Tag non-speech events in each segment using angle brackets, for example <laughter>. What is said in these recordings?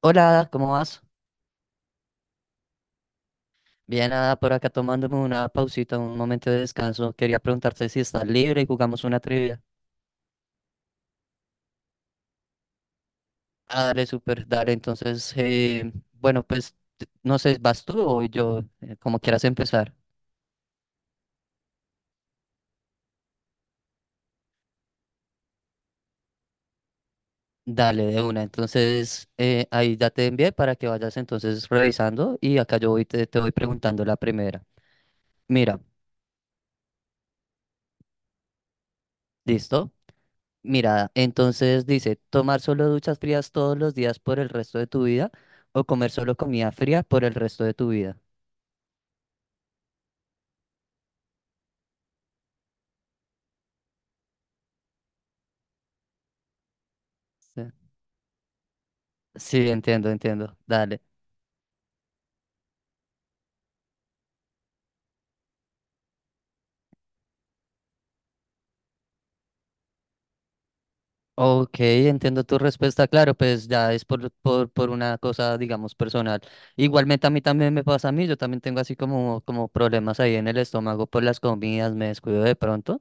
Hola, Ada, ¿cómo vas? Bien, Ada, por acá tomándome una pausita, un momento de descanso. Quería preguntarte si estás libre y jugamos una trivia. Ah, dale, súper, dale. Entonces, bueno, pues no sé, ¿vas tú o voy yo? Como quieras empezar. Dale, de una. Entonces, ahí ya te envié para que vayas entonces revisando y acá yo voy, te voy preguntando la primera. Mira, ¿listo? Mira, entonces dice, tomar solo duchas frías todos los días por el resto de tu vida o comer solo comida fría por el resto de tu vida. Sí, sí, entiendo, entiendo. Dale. Ok, entiendo tu respuesta. Claro, pues ya es por una cosa, digamos, personal. Igualmente a mí también me pasa a mí. Yo también tengo así como problemas ahí en el estómago por las comidas. Me descuido de pronto.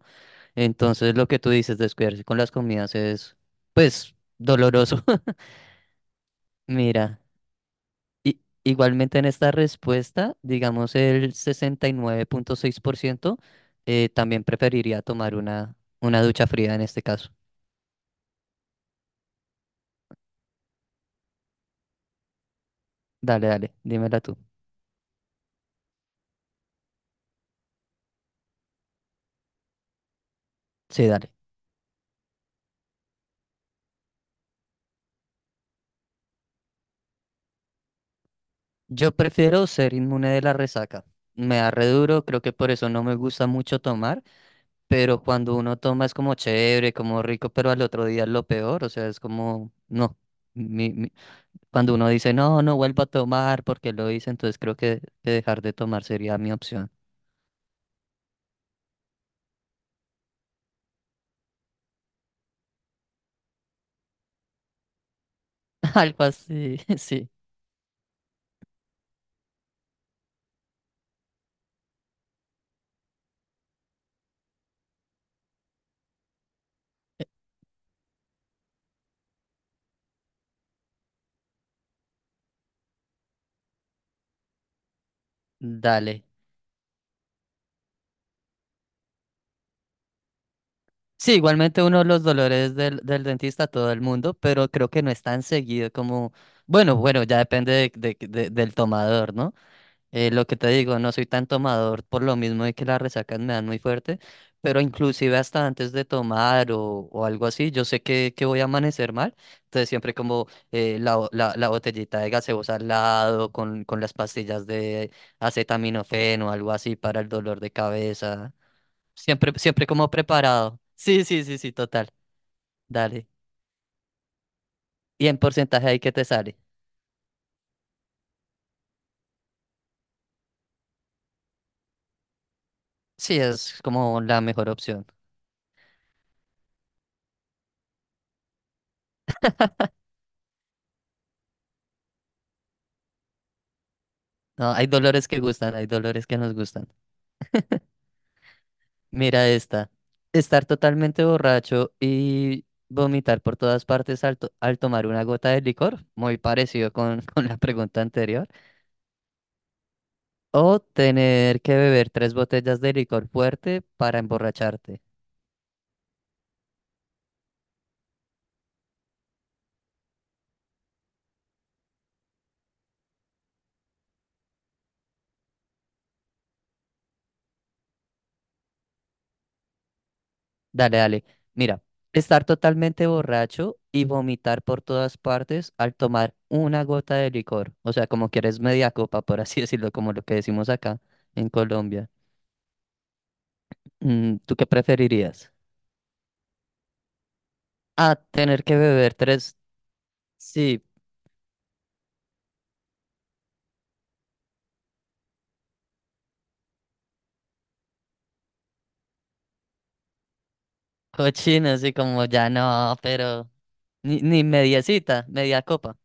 Entonces lo que tú dices, descuidarse con las comidas es, pues, doloroso. <laughs> Mira, igualmente en esta respuesta, digamos, el 69.6% también preferiría tomar una ducha fría en este caso. Dale, dale, dímela tú. Sí, dale. Yo prefiero ser inmune de la resaca. Me da re duro, creo que por eso no me gusta mucho tomar, pero cuando uno toma es como chévere, como rico, pero al otro día es lo peor, o sea, es como, no. Mi- mi- Cuando uno dice, no, no vuelvo a tomar porque lo hice, entonces creo que dejar de tomar sería mi opción. <laughs> Algo así, <laughs> sí. Dale. Sí, igualmente uno de los dolores del dentista a todo el mundo, pero creo que no es tan seguido como, bueno, bueno, ya depende del tomador, ¿no? Lo que te digo, no soy tan tomador por lo mismo de que las resacas me dan muy fuerte, pero inclusive hasta antes de tomar o algo así, yo sé que voy a amanecer mal, entonces siempre como la botellita de gaseosa al lado, con las pastillas de acetaminofeno o algo así para el dolor de cabeza. Siempre, siempre como preparado. Sí, sí, sí, sí, total. Dale. Y en porcentaje ahí que te sale. Sí, es como la mejor opción. No, hay dolores que gustan, hay dolores que nos gustan. Mira esta. Estar totalmente borracho y vomitar por todas partes al tomar una gota de licor, muy parecido con, <laughs> con la pregunta anterior. O tener que beber tres botellas de licor fuerte para emborracharte. Dale, dale. Mira, estar totalmente borracho y vomitar por todas partes al tomar una gota de licor. O sea, como quieres media copa, por así <laughs> decirlo, como lo que decimos acá en Colombia. Mm, ¿tú qué preferirías? A tener que beber tres, sí, cochinos y como ya no, pero ni, ni mediecita, media copa.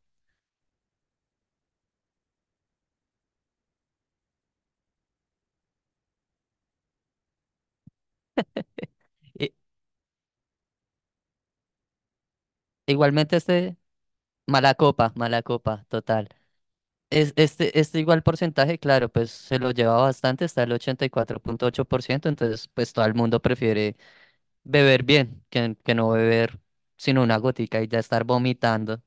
I- Igualmente este, mala copa, total. Es, este igual porcentaje, claro, pues se lo lleva bastante, está el ochenta y cuatro punto ocho por ciento entonces pues todo el mundo prefiere beber bien que no beber sino una gotica y ya estar vomitando.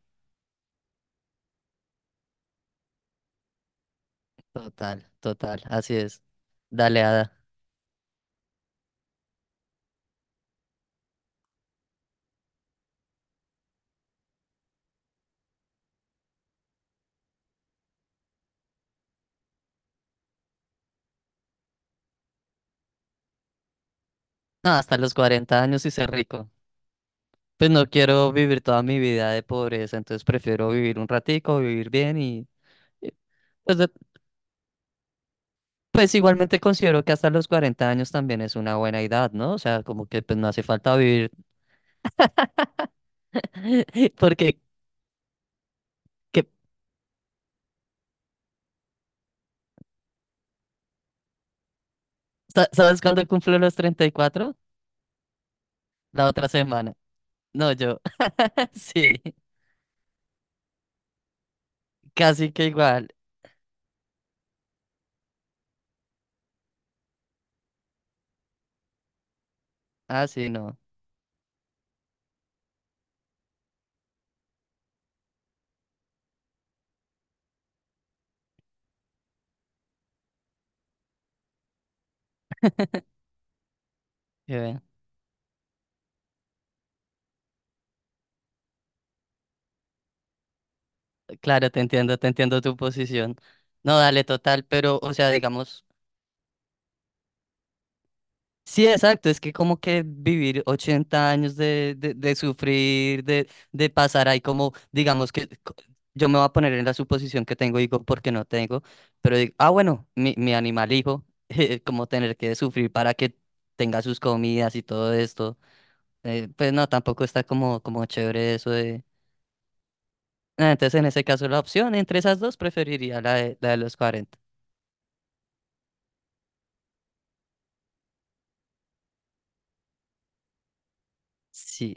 Total, total, así es. Dale, Ada. No, hasta los cuarenta años y ser rico. Pues no quiero vivir toda mi vida de pobreza, entonces prefiero vivir un ratico, vivir bien y, pues, pues igualmente considero que hasta los 40 años también es una buena edad, ¿no? O sea, como que pues no hace falta vivir. <laughs> Porque, que, sabes cuándo cumplo los 34? La otra semana. No, yo. <laughs> Sí, casi que igual. Ah, sí, no. Qué bien. Claro, te entiendo tu posición. No, dale, total, pero, o sea, digamos. Sí, exacto, es que como que vivir 80 años de sufrir, de pasar ahí como, digamos que yo me voy a poner en la suposición que tengo hijo porque no tengo, pero digo, ah, bueno, mi animal hijo, <laughs> como tener que sufrir para que tenga sus comidas y todo esto, pues no, tampoco está como, como chévere eso de... Ah, entonces en ese caso la opción entre esas dos preferiría la de los cuarenta. Sí.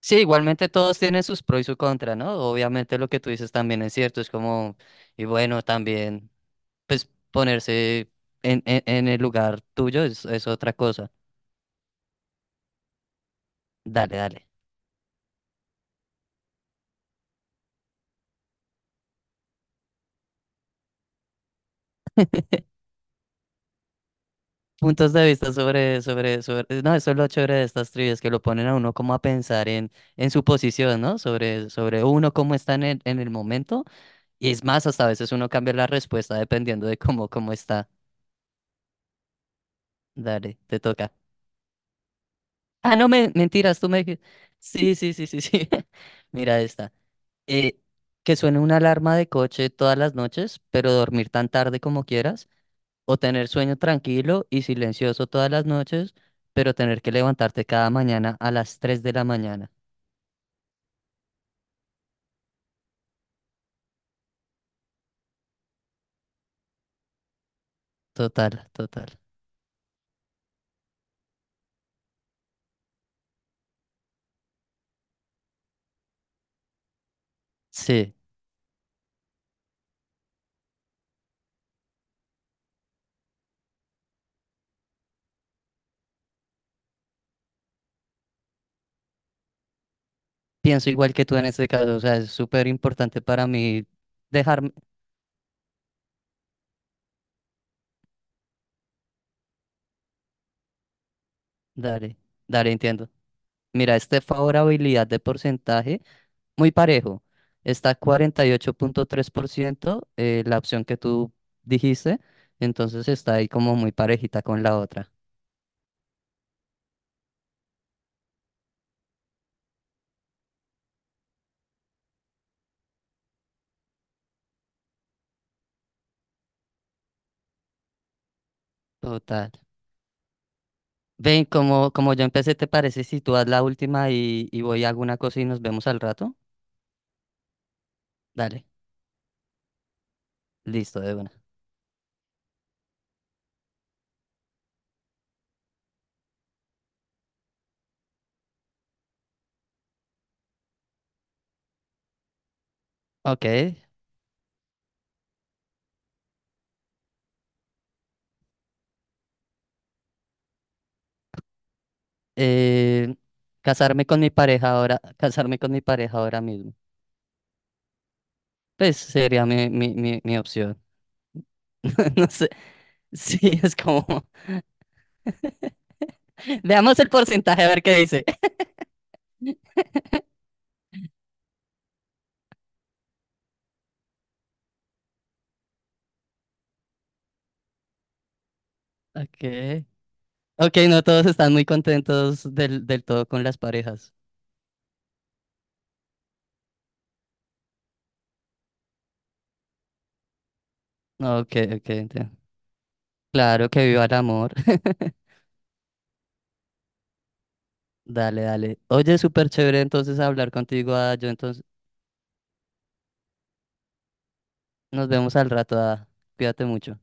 Sí, igualmente todos tienen sus pros y sus contras, ¿no? Obviamente lo que tú dices también es cierto, es como, y bueno, también, pues ponerse en el lugar tuyo es otra cosa. Dale, dale. Puntos de vista sobre, sobre, sobre, no, eso es lo chévere de estas trivias, que lo ponen a uno como a pensar en su posición, ¿no? Sobre, sobre uno cómo está en el momento, y es más, hasta a veces uno cambia la respuesta dependiendo de cómo, cómo está. Dale, te toca. Ah, no, me, mentiras, tú me dijiste. Sí, sí, sí, sí, sí. <laughs> Mira esta. Eh, que suene una alarma de coche todas las noches, pero dormir tan tarde como quieras. O tener sueño tranquilo y silencioso todas las noches, pero tener que levantarte cada mañana a las 3 de la mañana. Total, total. Sí, pienso igual que tú en este caso. O sea, es súper importante para mí dejarme. Dale, dale, entiendo. Mira, este favorabilidad de porcentaje muy parejo. Está 48.3%, la opción que tú dijiste, entonces está ahí como muy parejita con la otra. Total. Ven, como, como yo empecé, ¿te parece si tú haz la última y voy a alguna cosa y nos vemos al rato? Dale, listo, de una. Ok. eh, Casarme con mi pareja ahora, casarme con mi pareja ahora mismo. Pues sería mi opción. <laughs> No sé. Sí, es como. <laughs> Veamos el porcentaje a ver qué dice. <laughs> Ok. Ok, no todos están muy contentos del, del todo con las parejas. Ok, ok, entiendo. Claro que viva el amor. <laughs> Dale, dale. Oye, súper chévere entonces hablar contigo, Ada. Yo entonces nos vemos al rato, Ada. Cuídate mucho.